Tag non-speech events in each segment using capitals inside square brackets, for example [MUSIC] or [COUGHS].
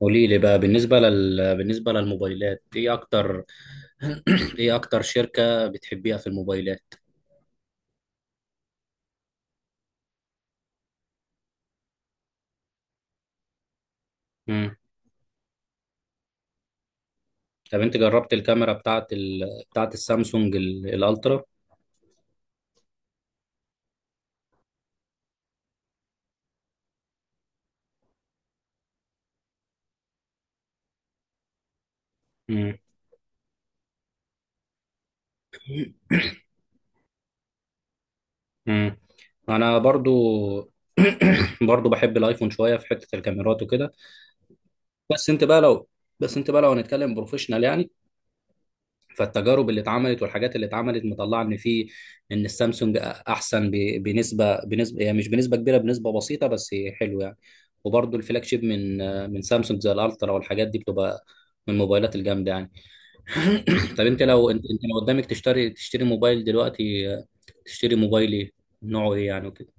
قولي لي بقى بالنسبة للموبايلات ايه اكتر [CLEARS THROAT] ايه اكتر شركة بتحبيها في الموبايلات؟ مم. طب انت جربت الكاميرا بتاعت السامسونج الالترا؟ مم. مم. انا برضو [CLEARS THROAT] برضو بحب الايفون شوية في حتة الكاميرات وكده. بس انت بقى لو بس انت بقى لو هنتكلم بروفيشنال يعني، فالتجارب اللي اتعملت والحاجات اللي اتعملت مطلعه ان في، ان السامسونج احسن بنسبه، يعني مش بنسبه كبيره، بنسبه بسيطه بس حلو يعني. وبرضه الفلاج شيب من سامسونج زي الالترا والحاجات دي بتبقى من الموبايلات الجامده يعني. [COUGHS] [CLEARS THROAT] طب انت لو قدامك تشتري موبايل دلوقتي، تشتري موبايل ايه؟ نوعه ايه يعني وكده؟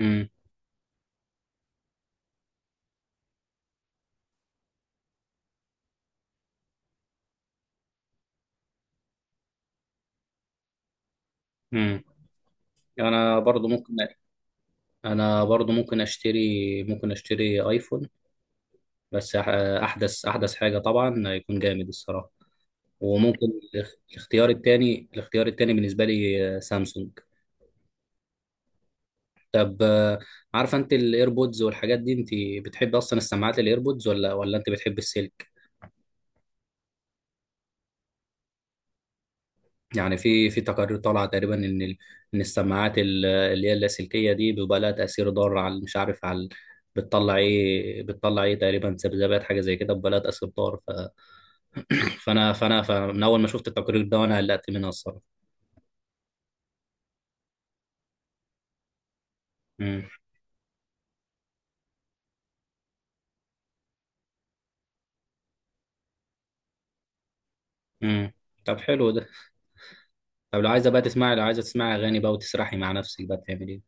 امم. امم. انا برضو ممكن انا برضو ممكن اشتري ايفون. بس احدث حاجه طبعا هيكون جامد الصراحه. وممكن الاختيار التاني بالنسبة لي، سامسونج. طب، عارفة انت الايربودز والحاجات دي، انت بتحب اصلا السماعات الايربودز ولا انت بتحب السلك؟ يعني في تقارير طالعة تقريبا ان ان السماعات اللي هي اللاسلكية دي بيبقى لها تأثير ضار، على مش عارف على، بتطلع ايه تقريبا ذبذبات حاجة زي كده، بيبقى لها تأثير ضار. ف... فانا فانا فمن اول ما شفت التقرير ده وانا قلقت منها الصراحة. امم. امم. طب حلو ده. طب لو عايزه تسمعي اغاني بقى وتسرحي مع نفسك بقى بتعملي ايه؟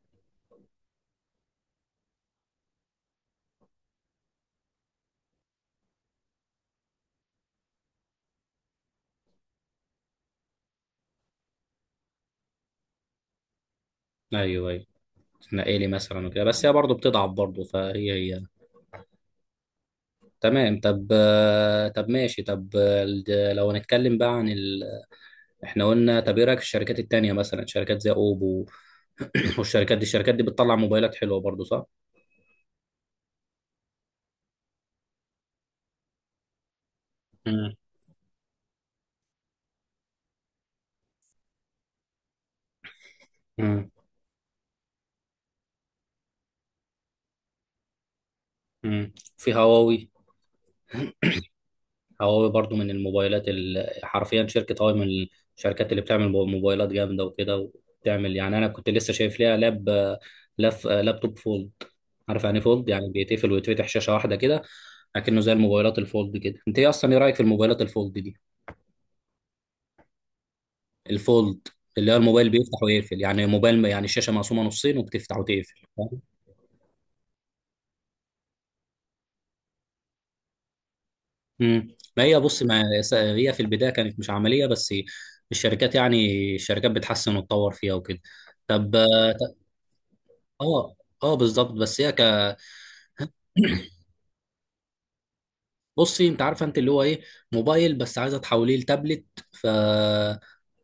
ايوه، ايوه، تنقلي لي مثلا وكده، بس هي برضه بتضعف برضه فهي هي. تمام. طب، طب ماشي. طب، لو هنتكلم بقى عن ال... احنا قلنا، طب ايه رايك في الشركات التانية مثلا، شركات زي اوبو؟ [COUGHS] [CLEARS THROAT] والشركات دي بتطلع موبايلات حلوه برضه صح؟ امم. امم. امم. في هواوي برضو من الموبايلات حرفيا شركة هواوي من الشركات اللي بتعمل موبايلات جامدة وكده، وبتعمل يعني. أنا كنت لسه شايف ليها لاب، لابتوب فولد. عارف يعني فولد، يعني بيتقفل ويتفتح شاشة واحدة كده، لكنه زي الموبايلات الفولد كده. أنت إيه أصلا، إيه رأيك في الموبايلات الفولد دي؟ الفولد، اللي هو الموبايل بيفتح ويقفل، يعني موبايل يعني الشاشة مقسومة نصين وبتفتح وتقفل، فاهم؟ امم، ما هي بص، ما س- هي في البداية كانت مش عملية، بس الشركات يعني الشركات بتحسن وتطور فيها وكده. طب. اه. اه بالظبط. بس هي ك بصي انت عارفه انت اللي هو ايه، موبايل بس عايزه تحوليه لتابلت. ف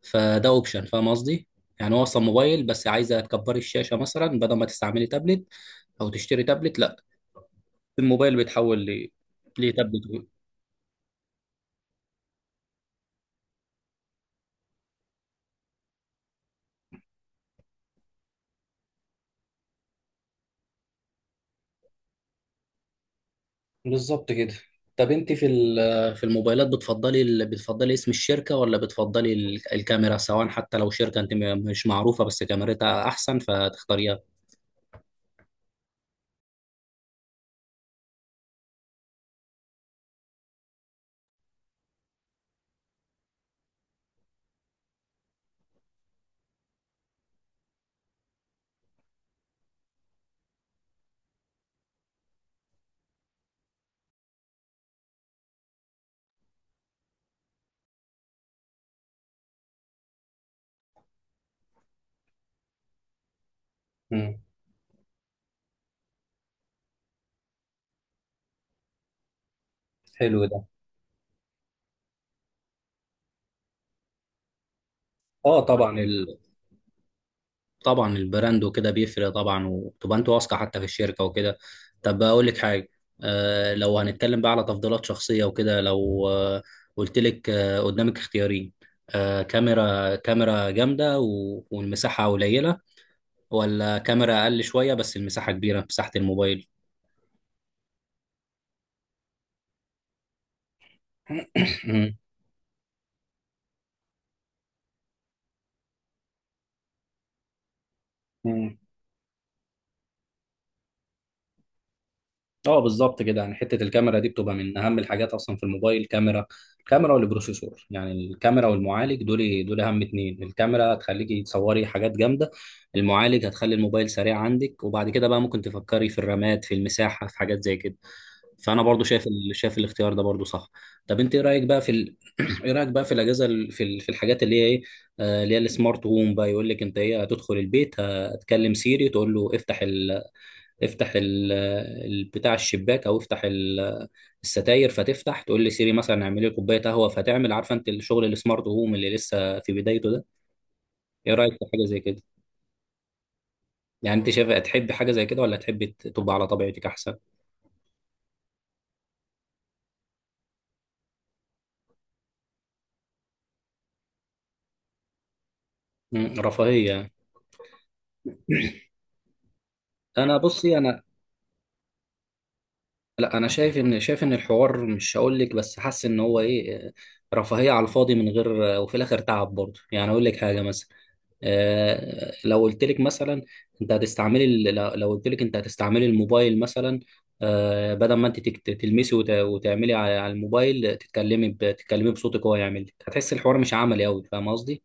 فده اوبشن فاهم قصدي. يعني هو اصلا موبايل بس عايزه تكبري الشاشه مثلا بدل ما تستعملي تابلت، او تشتري تابلت. لا، الموبايل بيتحول لتابلت. بالظبط كده. طب انت في الموبايلات بتفضلي ال... بتفضلي اسم الشركه ولا بتفضلي الكاميرا، سواء حتى لو شركه انت مش معروفه بس كاميرتها احسن فتختاريها؟ امم. حلو ده. اه طبعا، طبعا البراند وكده بيفرق طبعا، وتبقى انت واثقه حتى في الشركه وكده. طب اقول لك حاجه، آه، لو هنتكلم بقى على تفضيلات شخصيه وكده، لو قلت لك، قدامك اختيارين، كاميرا، كاميرا جامده والمساحه قليله، ولا كاميرا اقل شويه بس المساحه كبيره، مساحه الموبايل؟ [COUGHS] اه، بالظبط كده. يعني حته الكاميرا دي بتبقى من اهم الحاجات اصلا في الموبايل، كاميرا. الكاميرا والبروسيسور، يعني الكاميرا والمعالج، دول دول اهم اتنين. الكاميرا هتخليكي تصوري حاجات جامده، المعالج هتخلي الموبايل سريع عندك، وبعد كده بقى ممكن تفكري في الرامات، في المساحه، في حاجات زي كده. فانا برضو شايف شايف الاختيار ده برضو صح. طب انت ايه رايك بقى في ال... [CLEARS THROAT] ايه رايك بقى في الاجهزه في الحاجات اللي هي ايه، اللي هي السمارت هوم بقى، يقول لك انت ايه، هتدخل البيت هتكلم سيري تقول له افتح ال... بتاع الشباك، او افتح الستاير فتفتح. تقول لي سيري مثلا اعملي لي كوبايه قهوه فتعمل. عارفه انت الشغل السمارت هوم اللي لسه في بدايته ده، ايه رايك في حاجه زي كده؟ يعني انت شايف تحب حاجه زي كده، ولا تحب تبقى على طبيعتك احسن؟ مم، رفاهيه. انا بصي انا، لا انا شايف ان الحوار، مش هقول لك بس حاسس ان هو ايه، رفاهيه على الفاضي من غير، وفي الاخر تعب برضه. يعني اقول لك حاجه مثلا، لو قلت لك مثلا انت هتستعملي ال- لو لو قلت لك انت هتستعملي الموبايل مثلا، بدل ما انت تلمسي وتعملي على على الموبايل، تتكلمي تتكلمي بصوتك هو يعمل لك، هتحس الحوار مش عملي قوي، فاهم قصدي؟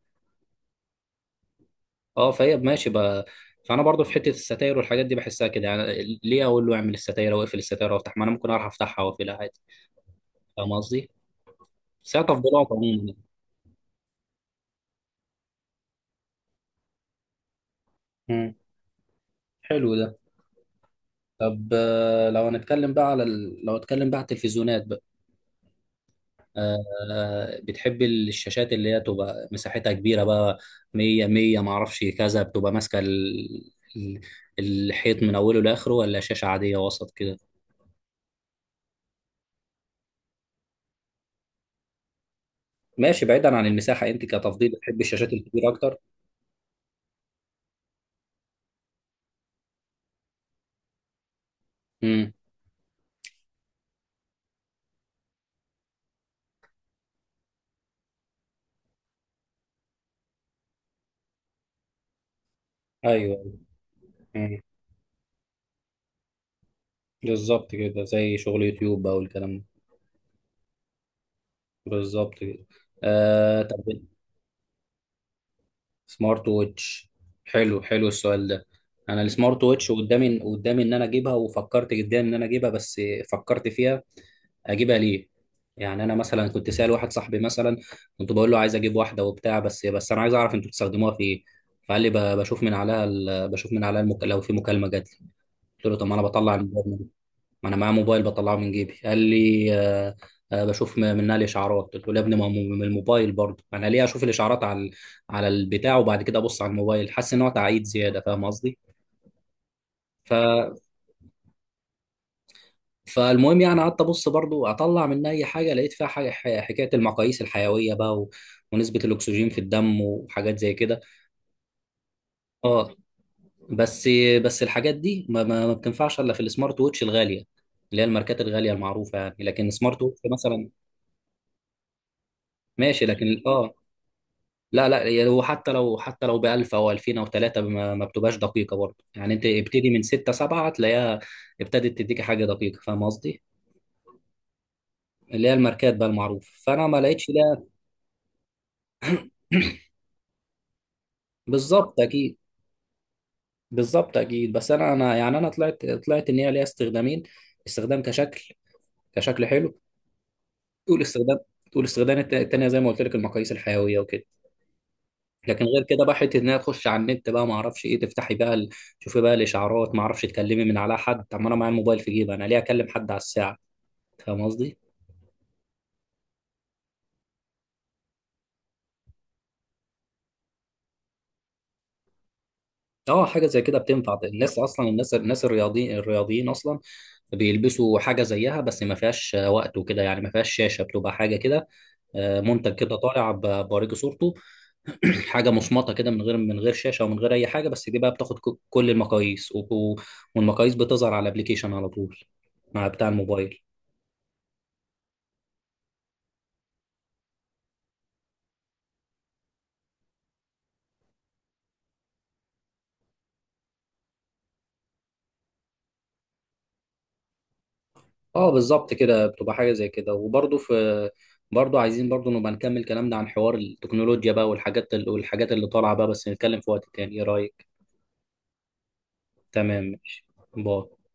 اه، فهي ماشي بقى. فانا برضو في حته الستاير والحاجات دي بحسها كده، يعني ليه اقول له اعمل الستاير او اقفل الستاير وافتح، ما انا ممكن اعرف افتحها واقفلها عادي. فاهم قصدي. بس هي تفضيلات عموما يعني. مم. حلو ده. طب، لو هنتكلم بقى على ال... لو هنتكلم بقى على التلفزيونات بقى، بتحب الشاشات اللي هي تبقى مساحتها كبيرة بقى، مية مية معرفش كذا، بتبقى ماسكة الحيط من أوله لآخره، ولا شاشة عادية وسط كده؟ ماشي، بعيدا عن المساحة أنت كتفضيل بتحب الشاشات الكبيرة أكتر؟ امم. أيوه. امم. بالظبط كده، زي شغل يوتيوب بقى والكلام ده. بالظبط كده. آه، طب، سمارت ووتش. حلو، حلو السؤال ده. انا السمارت ووتش قدامي ان انا اجيبها، وفكرت جدا ان انا اجيبها، بس فكرت فيها اجيبها ليه؟ يعني انا مثلا كنت سأل واحد صاحبي مثلا، كنت بقول له عايز اجيب واحده وبتاع، بس انا عايز اعرف انتوا بتستخدموها في ايه. فقال لي بشوف من عليها لو في مكالمه جات لي. قلت له طب ما انا بطلع الموبايل، ما انا معايا موبايل بطلعه من جيبي. قال لي آه، آه بشوف منها الاشعارات. قلت له يا ابني ما هو من الموبايل برضه، انا ليه اشوف الاشعارات على على البتاع وبعد كده ابص على الموبايل؟ حاسس ان هو تعقيد زياده فاهم قصدي. ف فالمهم يعني قعدت ابص برضه اطلع منها اي حاجه، لقيت فيها حاجه، حكايه المقاييس الحيويه بقى و... ونسبه الاكسجين في الدم وحاجات زي كده. اه. بس بس الحاجات دي ما بتنفعش الا في السمارت ووتش الغاليه، اللي هي الماركات الغاليه المعروفه يعني، لكن سمارت ووتش مثلا. ماشي لكن اه. لا لا، يعني هو حتى لو ب 1000 او 2000 او 3 ما بتبقاش دقيقه برضه يعني. انت ابتدي من 6 7 هتلاقيها ابتدت تديك حاجه دقيقه فاهم قصدي. اللي هي الماركات بقى المعروف، فانا ما لقيتش ده. [CLEARS THROAT] بالظبط اكيد. بالظبط اكيد. بس انا، طلعت ان هي ليها استخدامين: استخدام كشكل، كشكل حلو تقول استخدام. التانية زي ما قلت لك، المقاييس الحيويه وكده. لكن غير كده بقى حته انها تخش على النت بقى، ما اعرفش ايه تفتحي بقى تشوفي بقى الاشعارات، ما اعرفش تكلمي من على حد. طب ما انا معايا الموبايل في جيبي، انا ليه اكلم حد على الساعه؟ فاهم قصدي. اه، حاجه زي كده بتنفع الناس اصلا، الناس الرياضيين اصلا بيلبسوا حاجه زيها، بس ما فيهاش وقت وكده يعني، ما فيهاش شاشه بتبقى حاجه كده، منتج كده طالع بوريكي صورته. [CLEARS THROAT] حاجه مصمطه كده من غير من غير شاشه ومن غير اي حاجه، بس دي بقى بتاخد كل المقاييس والمقاييس بتظهر على الابليكيشن على طول مع بتاع الموبايل. اه بالظبط كده، بتبقى حاجه زي كده. وبرضه في برضه عايزين برضه نبقى نكمل كلامنا عن حوار التكنولوجيا بقى والحاجات ال... والحاجات اللي طالعه بقى، بس نتكلم في وقت تاني، ايه رايك؟ تمام ماشي. باي.